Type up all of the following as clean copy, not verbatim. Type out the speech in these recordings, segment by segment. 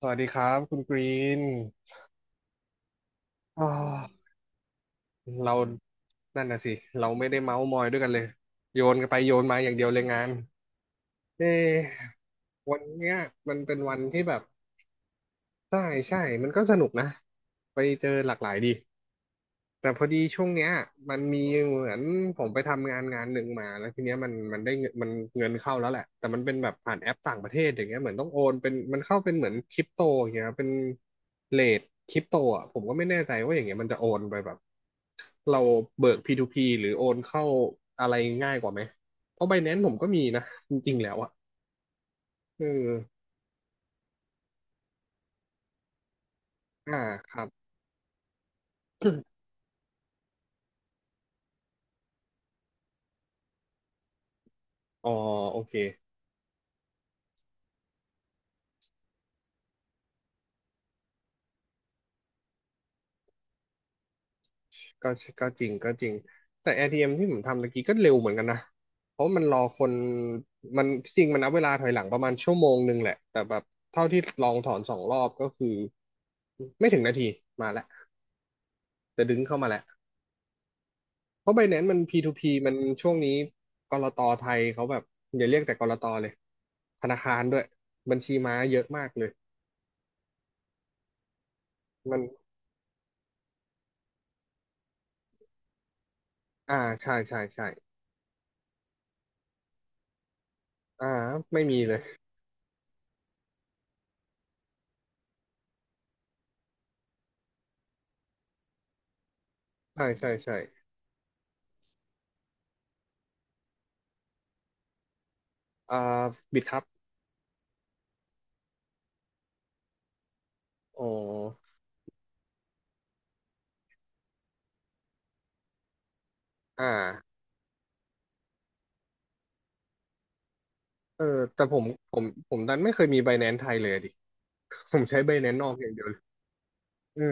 สวัสดีครับคุณกรีนอ๋อเรานั่นน่ะสิเราไม่ได้เมาส์มอยด้วยกันเลยโยนกันไปโยนมาอย่างเดียวเลยงานเอ๊ะวันเนี้ยมันเป็นวันที่แบบใช่ใช่มันก็สนุกนะไปเจอหลากหลายดี แต่พอดีช่วงเนี้ยมันมีเหมือนผมไปทำงานงานหนึ่งมาแล้วทีเนี้ยมันได้เงินมันเงินเข้าแล้วแหละแต่มันเป็นแบบผ่านแอปต่างประเทศอย่างเงี้ยเหมือนต้องโอนเป็นมันเข้าเป็นเหมือนคริปโตอย่างเงี้ยเป็นเรทคริปโตอ่ะผมก็ไม่แน่ใจว่าอย่างเงี้ยมันจะโอนไปแบบเราเบิก P2P หรือโอนเข้าอะไรง่ายกว่าไหมเพราะ b บแนน c e ผมก็มีนะจริงๆแล้วอ่ะเอออ่าครับอ๋อโอเค ก็ก็จริงก็จริงแต่ ATM ทีเอ็มที่ผมทำตะกี้ก็เร็วเหมือนกันนะเพราะมันรอคนมันที่จริงมันนับเวลาถอยหลังประมาณชั่วโมงหนึ่งแหละแต่แบบเท่าที่ลองถอนสองรอบก็คือไม่ถึงนาทีมาแล้วจะดึงเข้ามาแล้วเพราะ Binance มัน P2P มันช่วงนี้กลตไทยเขาแบบอย่าเรียกแต่กลตเลยธนาคารด้วยบัญชีม้าเยอะมากเลยมันอ่าใช่ใช่ใช่อ่าไม่มีเลยใช่ใช่ใช่อ่าบิดครับอ๋ออ่า เออแต่ผมผมดันไม่เคยมีไบแนน c e ไทยเลยอะดิ ผมใช้ไบแนน c e นอกอย่างเดียวเลยเออ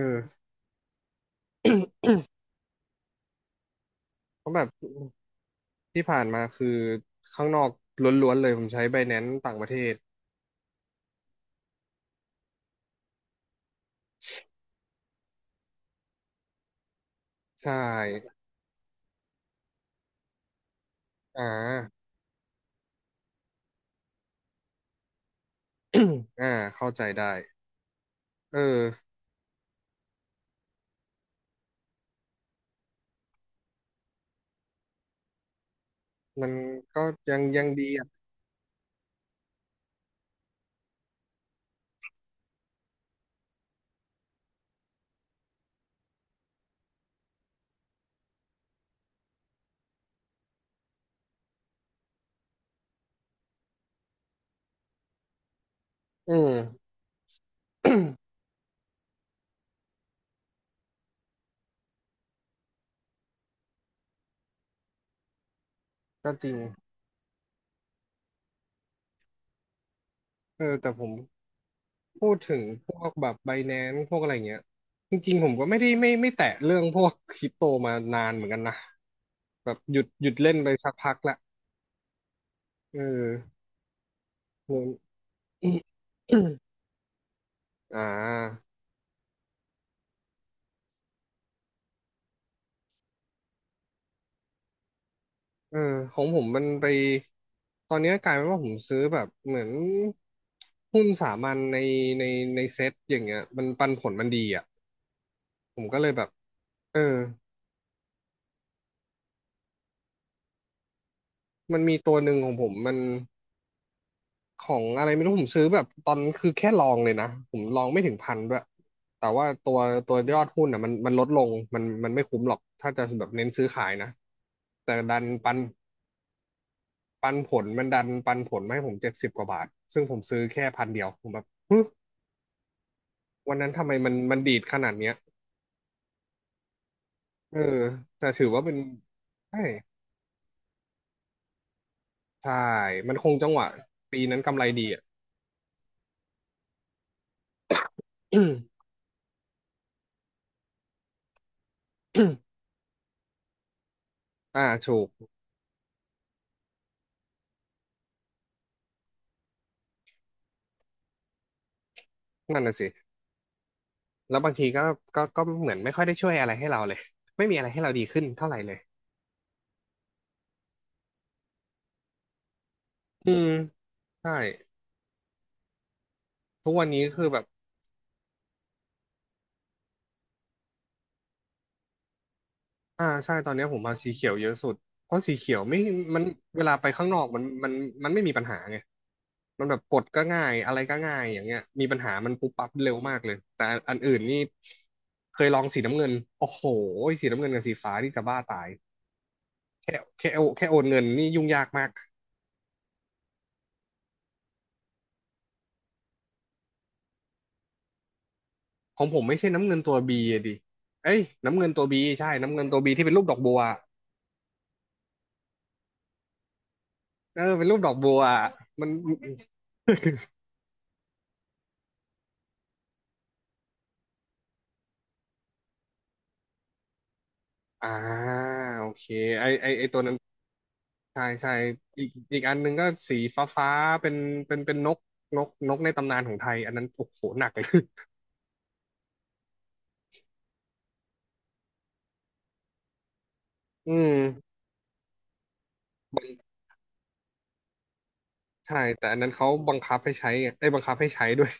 เพราะแบบที่ผ่านมาคือข้างนอกล้วนๆเลยผมใช้ไบแนน c e ต่างประเทศใช่อ่า อ่าเข้าใจได้เออมันก็ยังยังดีอ่ะอืม ก็จริงเออแต่ผมพูดถึงพวกแบบไบแนน c e พวกอะไรเงี้ยจริงๆผมก็ไม่ได้ไม่ไม่แตะเรื่องพวกคริปโตมานานเหมือนกันนะแบบหยุดหยุดเล่นไปสักพักละ เออเงิน อ่าเออของผมมันไปตอนนี้กลายเป็นว่าผมซื้อแบบเหมือนหุ้นสามัญในในเซ็ตอย่างเงี้ยมันปันผลมันดีอ่ะผมก็เลยแบบเออมันมีตัวหนึ่งของผมมันของอะไรไม่รู้ผมซื้อแบบตอนคือแค่ลองเลยนะผมลองไม่ถึงพันด้วยแต่ว่าตัวตัวยอดหุ้นอ่ะมันลดลงมันไม่คุ้มหรอกถ้าจะแบบเน้นซื้อขายนะแต่ดันปัน ปันผลมันดันปันผลมาให้ผมเจ็ดสิบกว่าบาทซึ่งผมซื้อแค่พันเดียวผมแบบหึวันนั้นทำไมมันมันดีดขนาดเนี้ยเออแต่ถือว่าเป็นใช่ใช่มันคงจังหวะปีนั้นกำไรดีอ่ะ อ่าถูกนั่นน่ะสิแล้วบางทีก็ก็เหมือนไม่ค่อยได้ช่วยอะไรให้เราเลยไม่มีอะไรให้เราดีขึ้นเท่าไหร่เลยอืมใช่ทุกวันนี้คือแบบ อ่าใช่ตอนเนี้ยผมมาสีเขียวเยอะสุดเพราะสีเขียวไม่มันเวลาไปข้างนอกมันมันไม่มีปัญหาไงมันแบบกดก็ง่ายอะไรก็ง่ายอย่างเงี้ยมีปัญหามันปุ๊บปั๊บเร็วมากเลยแต่อันอื่นนี่เคยลองสีน้ำเงินโอ้โหสีน้ำเงินกับสีฟ้านี่จะบ้าตายแค่แค่โอแค่โอนเงินนี่ยุ่งยากมากของผมไม่ใช่น้ำเงินตัวบีดิเอ้ยน้ำเงินตัวบีใช่น้ำเงินตัวบีที่เป็นรูปดอกบัวเออเป็นรูปดอกบัวมันอ่าโอเคไอตัวนั้น ใช่ใช่ อีกอีกอันหนึ่งก็สีฟ้าฟ้าเป็นเป็นนกนกนกในตำนานของไทยอันนั้นโอ้โหหนักเลย อืมใช่แต่อันนั้นเขาบังคับให้ใช้ไงได้ยบังคับให้ใช้ด้วย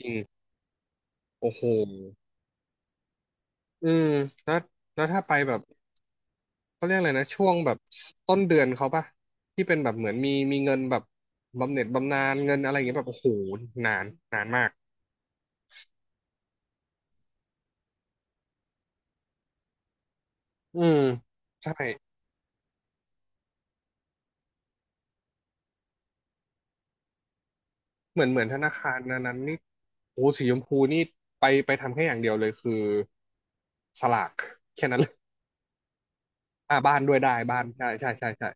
จริงโอ้โหอืมแล้วแล้วถ้าไปแบบเขาเรียกอะไรนะช่วงแบบต้นเดือนเขาปะที่เป็นแบบเหมือนมีมีเงินแบบบำเหน็จบำนาญเงินอะไรอย่างเงี้ยแบบโอ้โหนานนานมากอืมใช่ เหมือนเหมือนธนาคารนั้นนั้นนี่โอ้สีชมพูนี่ไปไปทำแค่อย่างเดียวเลยคือสลากแค่นั้นเลยอ่าบ้านด้วยได้บ้านใช่ใช่ใช่ใช่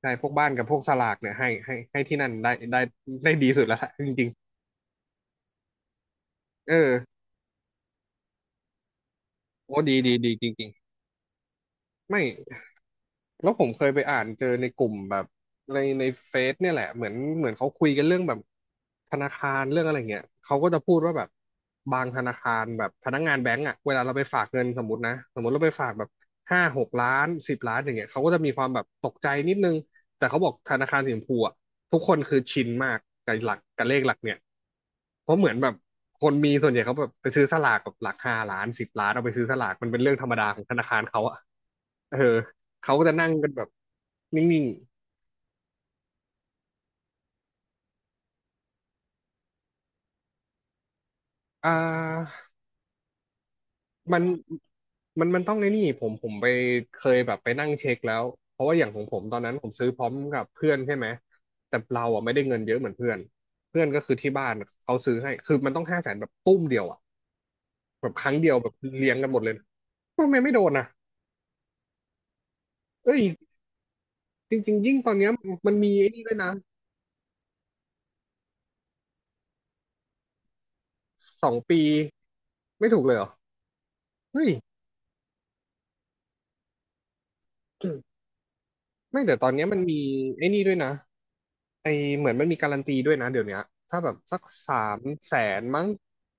ใช่พวกบ้านกับพวกสลากเนี่ยให้ที่นั่นได้ได้ดีสุดแล้วล่ะจริงๆเออโอ้ดีดีดีจริงๆไม่ แล้วผมเคยไปอ่านเจอในกลุ่มแบบในเฟซเนี่ยแหละเหมือนเขาคุยกันเรื่องแบบธนาคารเรื่องอะไรเงี้ยเขาก็จะพูดว่าแบบบางธนาคารแบบพนักงานแบงก์อ่ะเวลาเราไปฝากเงินสมมตินะสมมติเราไปฝากแบบ5-6 ล้านสิบล้านอย่างเงี้ยเขาก็จะมีความแบบตกใจนิดนึงแต่เขาบอกธนาคารสีชมพูอ่ะทุกคนคือชินมากกับหลักกับเลขหลักเนี่ยเพราะเหมือนแบบคนมีส่วนใหญ่เขาแบบไปซื้อสลากกับหลัก5 ล้านสิบล้านเอาไปซื้อสลากมันเป็นเรื่องธรรมดาของธนาคารเขาอ่ะเออ เขาก็จะนั่งกันแบบนิ่งๆมันมันต้องไอ้นี่ผมไปเคยแบบไปนั่งเช็คแล้วเพราะว่าอย่างของผมตอนนั้นผมซื้อพร้อมกับเพื่อนใช่ไหม แต่เราอ่ะไม่ได้เงินเยอะเหมือนเพื่อนเพื่อนก็คือที่บ้านเขาซื้อให้คือมันต้อง500,000แบบตุ้มเดียวอ่ะแบบครั้งเดียวแบบเลี้ยงกันหมดเลยทำไมไม่โดนอ่ะเอ้ยจริงๆยิ่งตอนเนี้ยมันมีไอ้นี่ด้วยนะ2 ปีไม่ถูกเลยเหรอเฮ้ยไม่แต่ตอนเนี้ยมันมีไอ้นี่ด้วยนะ ไอเหมือนมันมีการันตีด้วยนะเดี๋ยวเนี้ยถ้าแบบสักสามแสนมั้ง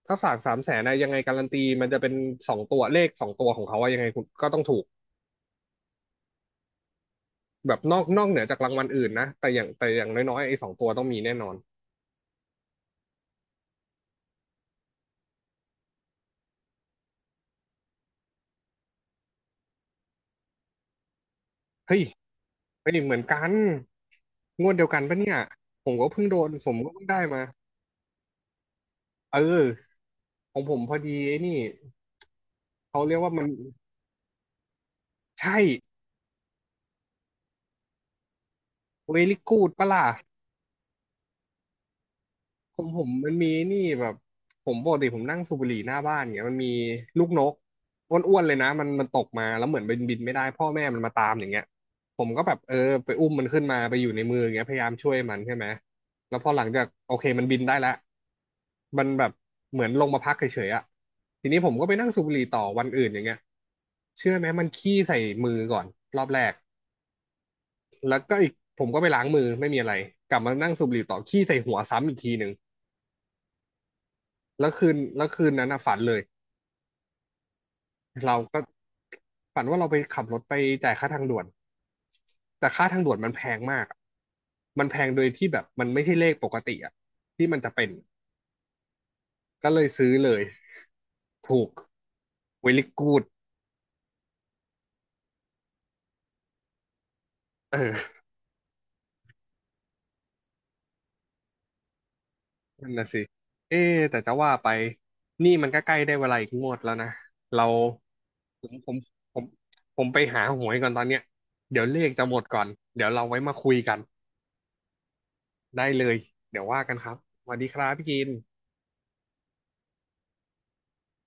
ถ้าฝากสามแสนนะยังไงการันตีมันจะเป็นสองตัวเลขสองตัวของเขาว่ายังไงคุณก็ต้องถูกแบบนอกเหนือจากรางวัลอื่นนะแต่อย่างน้อยๆไอ้สองตัวต้องมีแน่นอนเฮ้ยเฮ้ยเหมือนกันงวดเดียวกันปะเนี่ยผมก็เพิ่งได้มาเออของผมพอดีไอ้นี่เขาเรียกว่ามันใช่ very good ปะล่ะ ผมมันมีนี่แบบผมปกติผมนั่งสูบบุหรี่หน้าบ้านเงี้ยมันมีลูกนกอ้วนๆเลยนะมันตกมาแล้วเหมือนบินไม่ได้พ่อแม่มันมาตามอย่างเงี้ยผมก็แบบเออไปอุ้มมันขึ้นมาไปอยู่ในมืออย่างเงี้ยพยายามช่วยมันใช่ไหมแล้วพอหลังจากโอเคมันบินได้แล้วมันแบบเหมือนลงมาพักเฉยๆอะทีนี้ผมก็ไปนั่งสูบบุหรี่ต่อวันอื่นอย่างเงี้ยเชื่อไหมมันขี้ใส่มือก่อนรอบแรกแล้วก็อีกผมก็ไปล้างมือไม่มีอะไรกลับมานั่งสูบบุหรี่ต่อขี้ใส่หัวซ้ำอีกทีหนึ่ง แล้วคืนนั้นน่ะฝันเลยเราก็ฝันว่าเราไปขับรถไปจ่ายค่าทางด่วนแต่ค่าทางด่วนมันแพงมากอะมันแพงโดยที่แบบมันไม่ใช่เลขปกติอะที่มันจะเป็นก็เลยซื้อเลยถูกเวลิกูดเออนั่นนะสิเอ๊ะแต่จะว่าไปนี่มันก็ใกล้ได้เวลาอีกงวดแล้วนะเราผมผมผมผมไปหาหวยก่อนตอนเนี้ยเดี๋ยวเลขจะหมดก่อนเดี๋ยวเราไว้มาคุยกันได้เลยเดี๋ยวว่ากันครับสวัสดีครับพี่กิน